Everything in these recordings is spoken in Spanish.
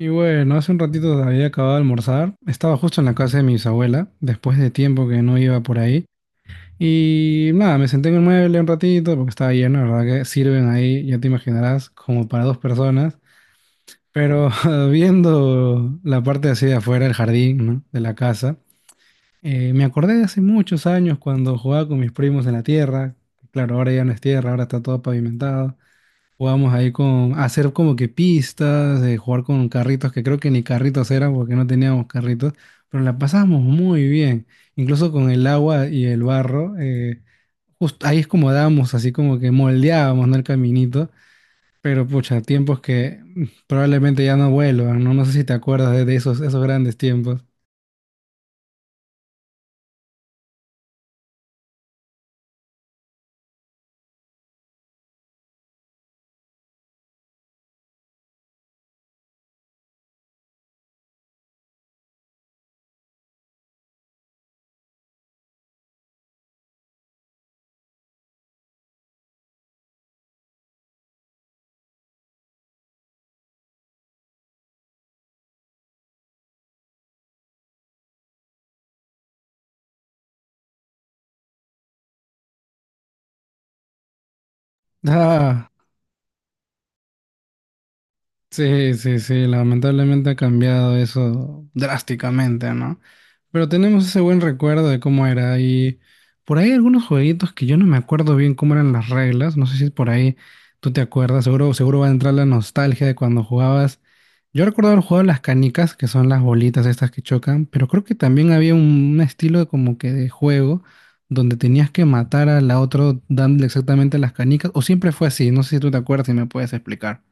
Y bueno, hace un ratito había acabado de almorzar. Estaba justo en la casa de mi bisabuela, después de tiempo que no iba por ahí. Y nada, me senté en el mueble un ratito porque estaba lleno, la verdad que sirven ahí, ya te imaginarás, como para dos personas. Pero viendo la parte así de afuera, el jardín, ¿no? de la casa, me acordé de hace muchos años cuando jugaba con mis primos en la tierra. Claro, ahora ya no es tierra, ahora está todo pavimentado. Jugamos ahí con hacer como que pistas, jugar con carritos, que creo que ni carritos eran porque no teníamos carritos, pero la pasamos muy bien, incluso con el agua y el barro. Justo ahí es como dábamos, así como que moldeábamos, ¿no? El caminito, pero pucha, tiempos que probablemente ya no vuelvan, ¿no? No sé si te acuerdas de esos, esos grandes tiempos. Ah. Sí, sí, sí, lamentablemente ha cambiado eso drásticamente, ¿no? Pero tenemos ese buen recuerdo de cómo era y por ahí algunos jueguitos que yo no me acuerdo bien cómo eran las reglas, no sé si por ahí tú te acuerdas, seguro, seguro va a entrar la nostalgia de cuando jugabas. Yo recuerdo haber jugado las canicas, que son las bolitas estas que chocan, pero creo que también había un estilo de como que de juego donde tenías que matar a la otra dándole exactamente las canicas, o siempre fue así, no sé si tú te acuerdas y me puedes explicar.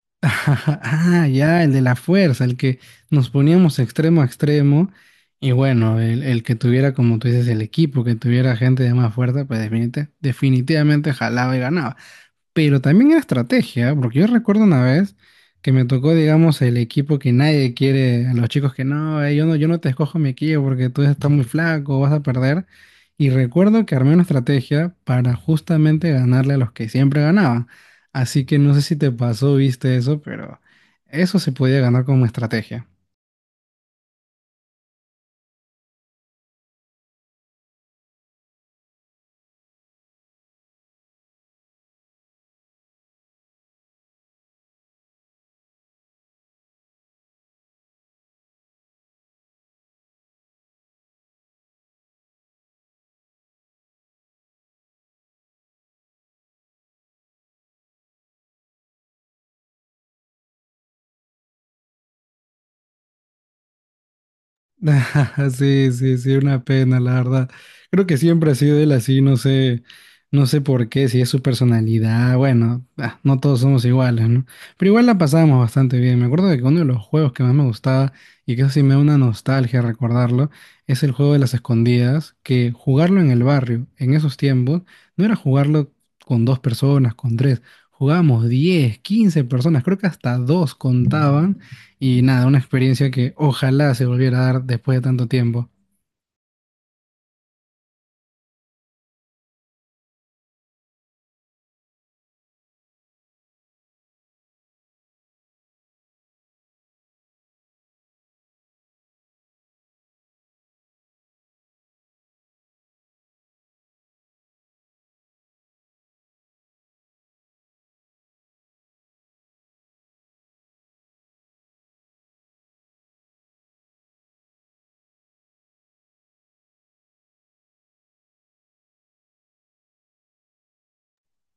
Ajá, ah, ya, el de la fuerza, el que nos poníamos extremo a extremo. Y bueno, el que tuviera, como tú dices, el equipo, que tuviera gente de más fuerza, pues definitivamente jalaba y ganaba, pero también en estrategia, porque yo recuerdo una vez que me tocó, digamos, el equipo que nadie quiere, a los chicos que no, yo no, yo no te escojo mi equipo porque tú estás muy flaco, vas a perder. Y recuerdo que armé una estrategia para justamente ganarle a los que siempre ganaban. Así que no sé si te pasó, viste eso, pero eso se podía ganar como estrategia. Sí, sí, sí, una pena, la verdad. Creo que siempre ha sido él así, no sé, no sé por qué, si es su personalidad, bueno, ah, no todos somos iguales, ¿no? Pero igual la pasábamos bastante bien. Me acuerdo que uno de los juegos que más me gustaba, y que eso sí me da una nostalgia recordarlo, es el juego de las escondidas, que jugarlo en el barrio, en esos tiempos, no era jugarlo con dos personas, con tres, jugábamos 10, 15 personas, creo que hasta dos contaban. Y nada, una experiencia que ojalá se volviera a dar después de tanto tiempo.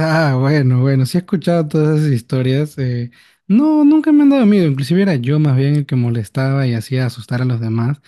Ah, bueno, bueno, sí he escuchado todas esas historias. No, nunca me han dado miedo. Inclusive era yo más bien el que molestaba y hacía asustar a los demás.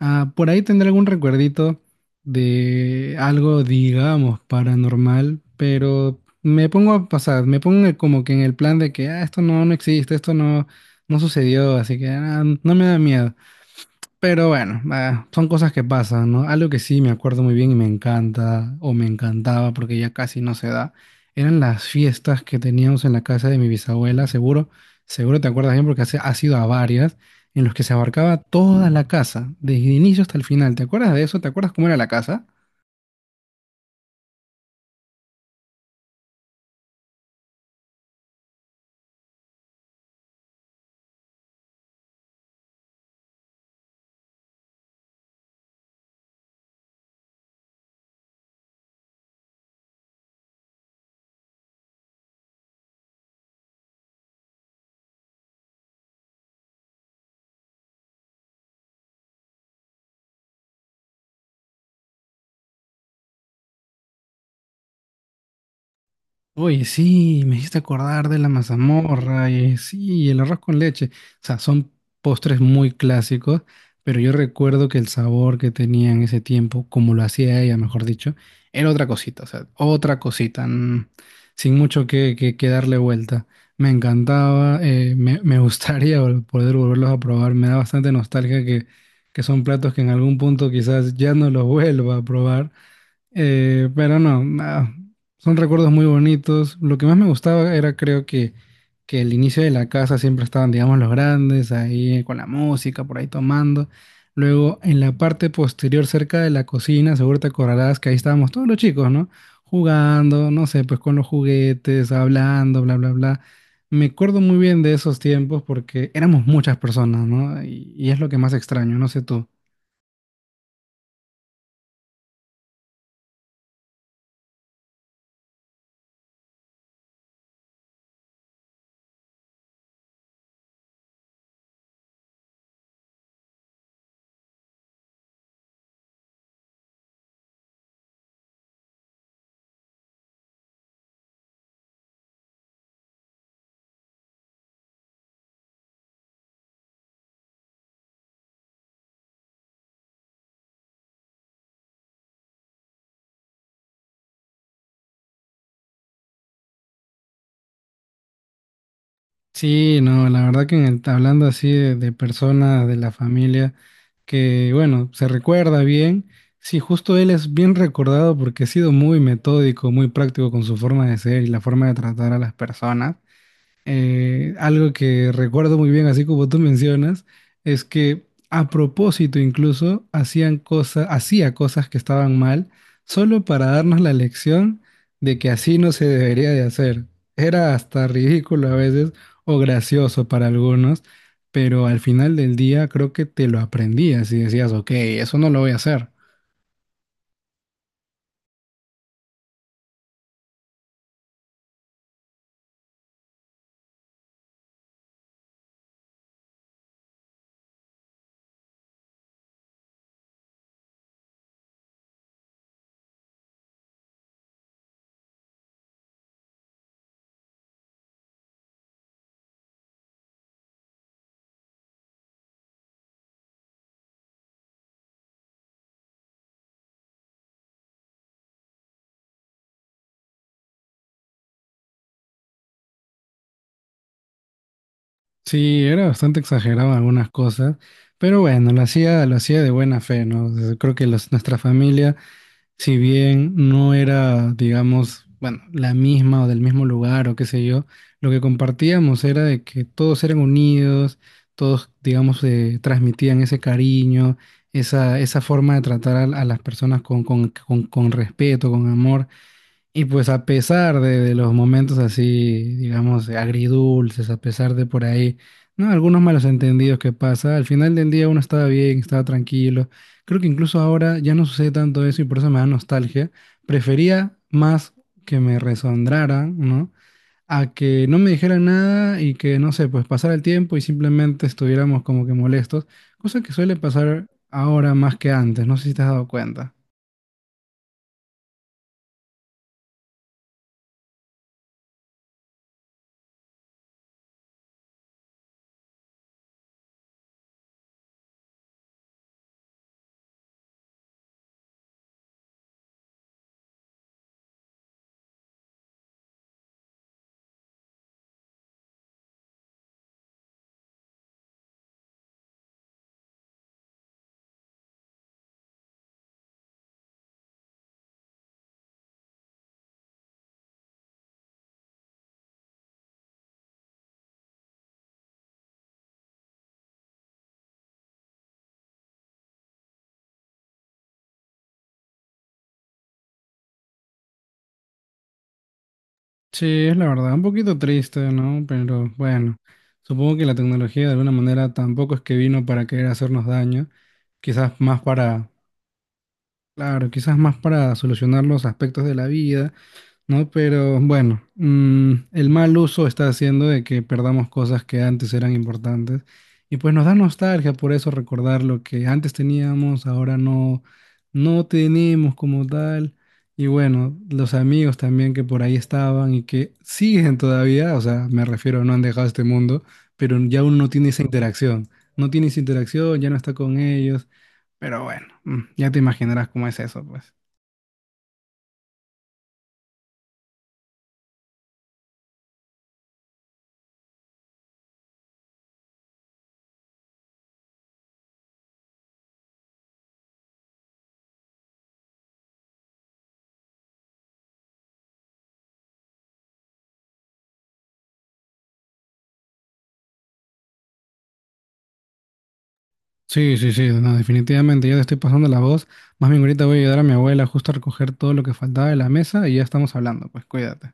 Ah, por ahí tendré algún recuerdito de algo, digamos, paranormal, pero me pongo a pasar, me pongo el como que en el plan de que ah, esto no, no existe, esto no, no sucedió, así que ah, no me da miedo. Pero bueno, ah, son cosas que pasan, ¿no? Algo que sí me acuerdo muy bien y me encanta, o me encantaba porque ya casi no se da, eran las fiestas que teníamos en la casa de mi bisabuela, seguro, seguro te acuerdas bien porque has ido a varias, en los que se abarcaba toda la casa, desde el inicio hasta el final. ¿Te acuerdas de eso? ¿Te acuerdas cómo era la casa? Oye, sí, me hiciste acordar de la mazamorra y sí, y el arroz con leche. O sea, son postres muy clásicos, pero yo recuerdo que el sabor que tenía en ese tiempo, como lo hacía ella, mejor dicho, era otra cosita, o sea, otra cosita, sin mucho que darle vuelta. Me encantaba, me, me gustaría poder volverlos a probar. Me da bastante nostalgia que son platos que en algún punto quizás ya no los vuelva a probar, pero no, nada, son recuerdos muy bonitos. Lo que más me gustaba era creo que el inicio de la casa siempre estaban, digamos, los grandes ahí con la música, por ahí tomando. Luego, en la parte posterior, cerca de la cocina, seguro te acordarás que ahí estábamos todos los chicos, ¿no? Jugando, no sé, pues con los juguetes, hablando, bla, bla, bla. Me acuerdo muy bien de esos tiempos porque éramos muchas personas, ¿no? Y es lo que más extraño, no sé tú. Sí, no, la verdad que en el, hablando así de personas de la familia, que bueno, se recuerda bien, sí, justo él es bien recordado porque ha sido muy metódico, muy práctico con su forma de ser y la forma de tratar a las personas. Algo que recuerdo muy bien, así como tú mencionas, es que a propósito incluso hacían cosas, hacía cosas que estaban mal, solo para darnos la lección de que así no se debería de hacer. Era hasta ridículo a veces o gracioso para algunos, pero al final del día creo que te lo aprendías y decías, ok, eso no lo voy a hacer. Sí, era bastante exagerado en algunas cosas, pero bueno, lo hacía de buena fe, ¿no? Creo que nuestra familia si bien no era, digamos, bueno, la misma o del mismo lugar o qué sé yo, lo que compartíamos era de que todos eran unidos, todos, digamos, transmitían ese cariño, esa forma de tratar a las personas con respeto, con amor. Y pues a pesar de los momentos así, digamos, agridulces, a pesar de por ahí, ¿no? Algunos malos entendidos que pasa, al final del día uno estaba bien, estaba tranquilo. Creo que incluso ahora ya no sucede tanto eso y por eso me da nostalgia. Prefería más que me resondraran, ¿no? A que no me dijeran nada y que, no sé, pues pasara el tiempo y simplemente estuviéramos como que molestos, cosa que suele pasar ahora más que antes, no sé si te has dado cuenta. Sí, es la verdad, un poquito triste, ¿no? Pero bueno, supongo que la tecnología de alguna manera tampoco es que vino para querer hacernos daño, quizás más para, claro, quizás más para solucionar los aspectos de la vida, ¿no? Pero bueno, el mal uso está haciendo de que perdamos cosas que antes eran importantes y pues nos da nostalgia por eso recordar lo que antes teníamos, ahora no, no tenemos como tal. Y bueno, los amigos también que por ahí estaban y que siguen todavía, o sea, me refiero, no han dejado este mundo, pero ya uno no tiene esa interacción, no tiene esa interacción, ya no está con ellos, pero bueno, ya te imaginarás cómo es eso, pues sí, sí, sí, no, definitivamente, ya te estoy pasando la voz. Más bien ahorita voy a ayudar a mi abuela justo a recoger todo lo que faltaba de la mesa y ya estamos hablando, pues cuídate.